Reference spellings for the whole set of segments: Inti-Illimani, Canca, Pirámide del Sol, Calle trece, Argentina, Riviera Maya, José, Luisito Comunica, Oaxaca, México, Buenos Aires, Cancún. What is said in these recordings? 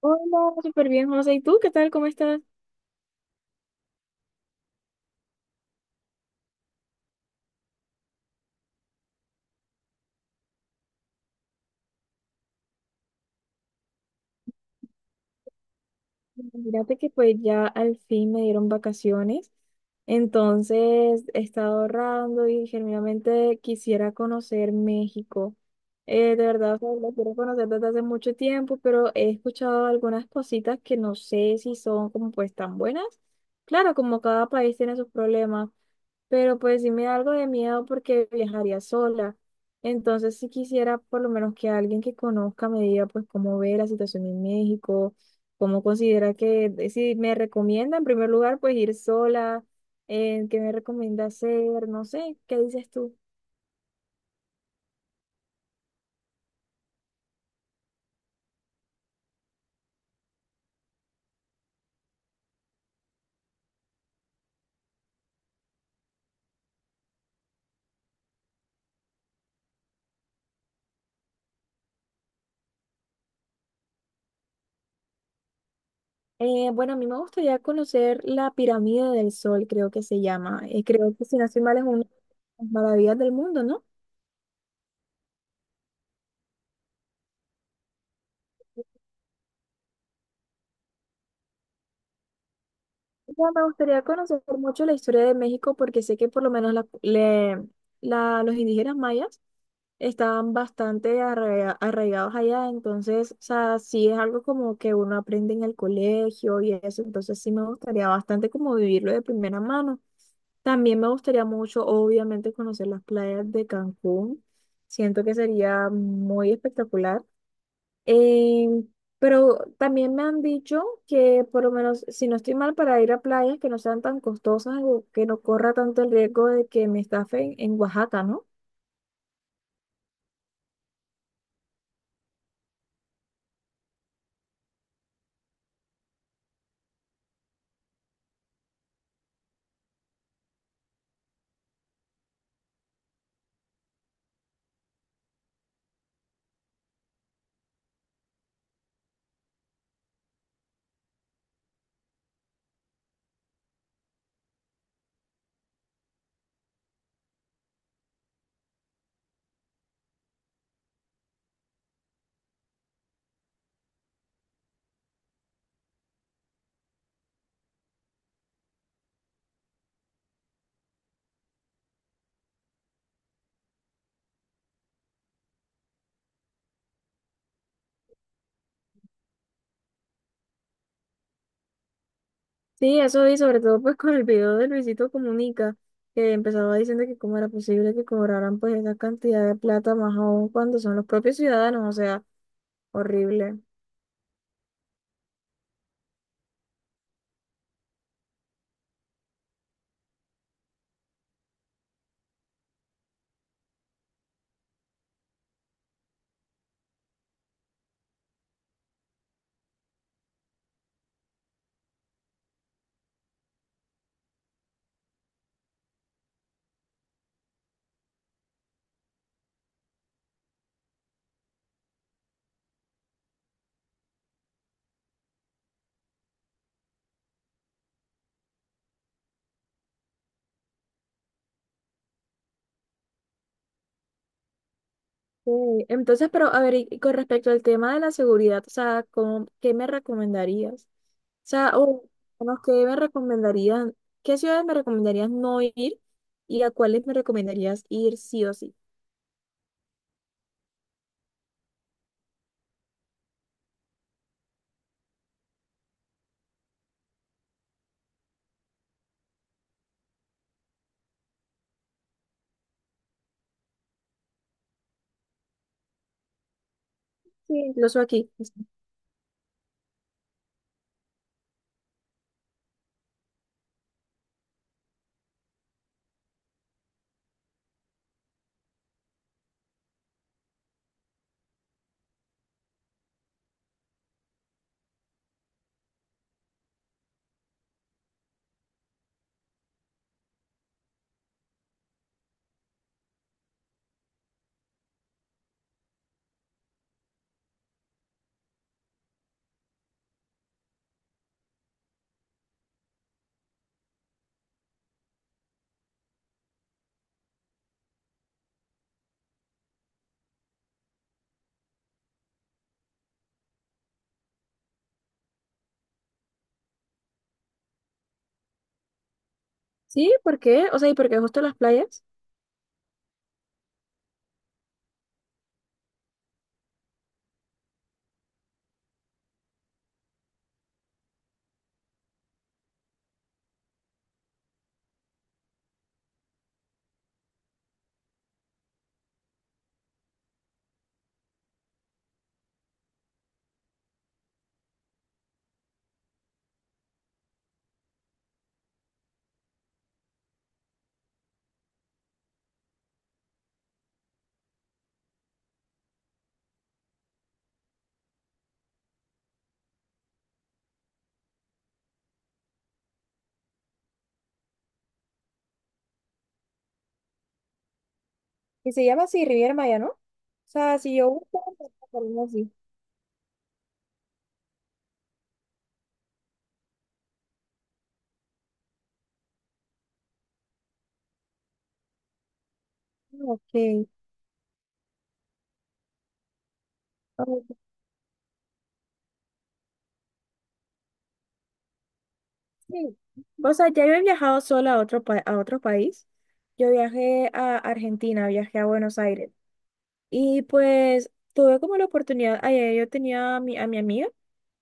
Hola, súper bien, José. ¿Y tú qué tal? ¿Cómo estás? Fíjate que pues ya al fin me dieron vacaciones, entonces he estado ahorrando y genuinamente quisiera conocer México. De verdad, o sea, lo quiero conocer desde hace mucho tiempo, pero he escuchado algunas cositas que no sé si son como pues tan buenas. Claro, como cada país tiene sus problemas, pero pues sí me da algo de miedo porque viajaría sola. Entonces, si quisiera por lo menos que alguien que conozca me diga pues cómo ve la situación en México, cómo considera que, si me recomienda en primer lugar pues ir sola, qué me recomienda hacer, no sé, ¿qué dices tú? Bueno, a mí me gustaría conocer la pirámide del Sol, creo que se llama. Creo que si no estoy mal es una de las maravillas del mundo, ¿no? Mira, me gustaría conocer mucho la historia de México porque sé que por lo menos los indígenas mayas estaban bastante arraigados allá, entonces, o sea, sí es algo como que uno aprende en el colegio y eso, entonces sí me gustaría bastante como vivirlo de primera mano. También me gustaría mucho, obviamente, conocer las playas de Cancún. Siento que sería muy espectacular. Eh, pero también me han dicho que por lo menos, si no estoy mal, para ir a playas que no sean tan costosas o que no corra tanto el riesgo de que me estafen en Oaxaca, ¿no? Sí, eso y sobre todo pues con el video de Luisito Comunica, que empezaba diciendo que cómo era posible que cobraran pues esa cantidad de plata más aún cuando son los propios ciudadanos, o sea, horrible. Sí. Entonces, pero a ver, y con respecto al tema de la seguridad, o sea, ¿cómo? ¿Qué me recomendarías? O sea, o bueno, ¿qué me recomendarían? ¿Qué ciudades me recomendarías no ir y a cuáles me recomendarías ir sí o sí? Sí, incluso aquí. Sí, ¿por qué? O sea, ¿y por qué justo las playas? ¿Y se llama así Riviera Maya, ¿no? O sea, si yo busco, me recomendaría así. Ok. Ok, sí. O sea, ya yo he viajado sola a a otro país. Yo viajé a Argentina, viajé a Buenos Aires. Y pues tuve como la oportunidad, ayer yo tenía a a mi amiga.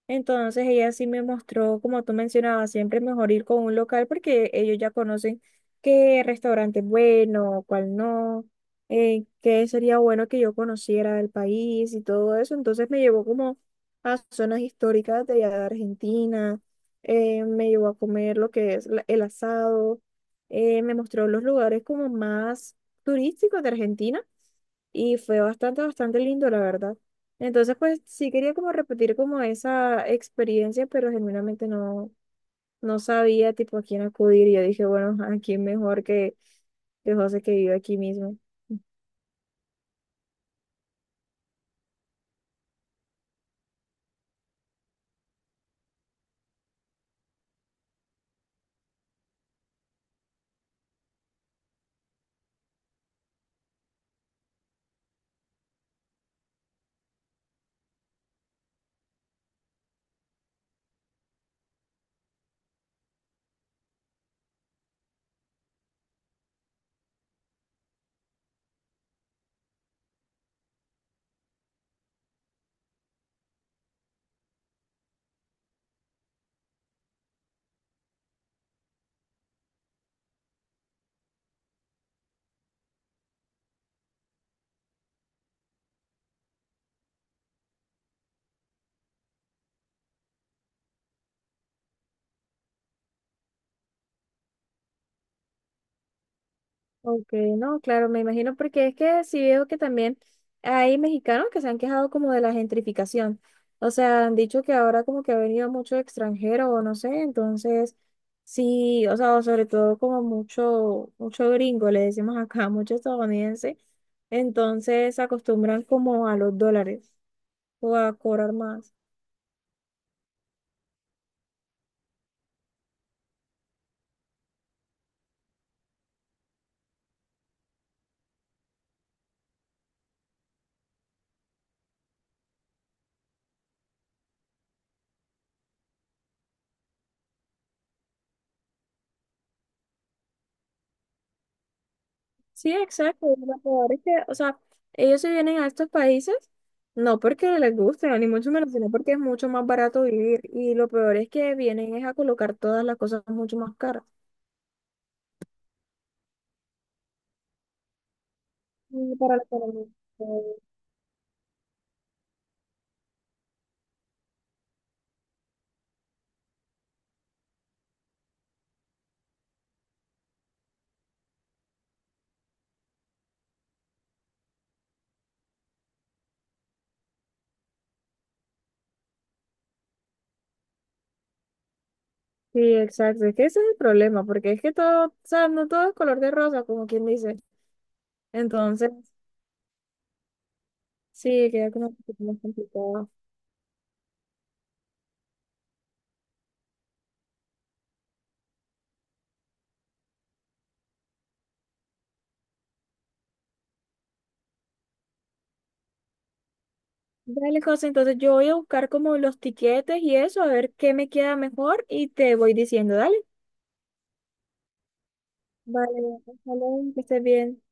Entonces ella sí me mostró, como tú mencionabas, siempre es mejor ir con un local porque ellos ya conocen qué restaurante es bueno, cuál no, qué sería bueno que yo conociera del país y todo eso. Entonces me llevó como a zonas históricas de allá de Argentina, me llevó a comer lo que es el asado, me mostró los lugares como más turísticos de Argentina y fue bastante, bastante lindo, la verdad. Entonces, pues sí quería como repetir como esa experiencia, pero genuinamente no sabía tipo a quién acudir. Yo dije, bueno, a quién mejor que José que vive aquí mismo. Ok, no, claro, me imagino porque es que sí veo que también hay mexicanos que se han quejado como de la gentrificación. O sea, han dicho que ahora como que ha venido mucho extranjero o no sé, entonces sí, o sea, o sobre todo como mucho, mucho gringo, le decimos acá, mucho estadounidense, entonces se acostumbran como a los dólares o a cobrar más. Sí, exacto. Y lo peor es que, o sea, ellos se vienen a estos países no porque les guste, ni mucho menos, sino porque es mucho más barato vivir. Y lo peor es que vienen es a colocar todas las cosas mucho más caras. Y para la economía. Sí, exacto. Es que ese es el problema, porque es que todo, o sea, no todo es color de rosa, como quien dice. Entonces, sí, queda como un poquito más complicado. Dale, José, entonces yo voy a buscar como los tiquetes y eso, a ver qué me queda mejor y te voy diciendo, dale. Vale, ojalá que estés bien.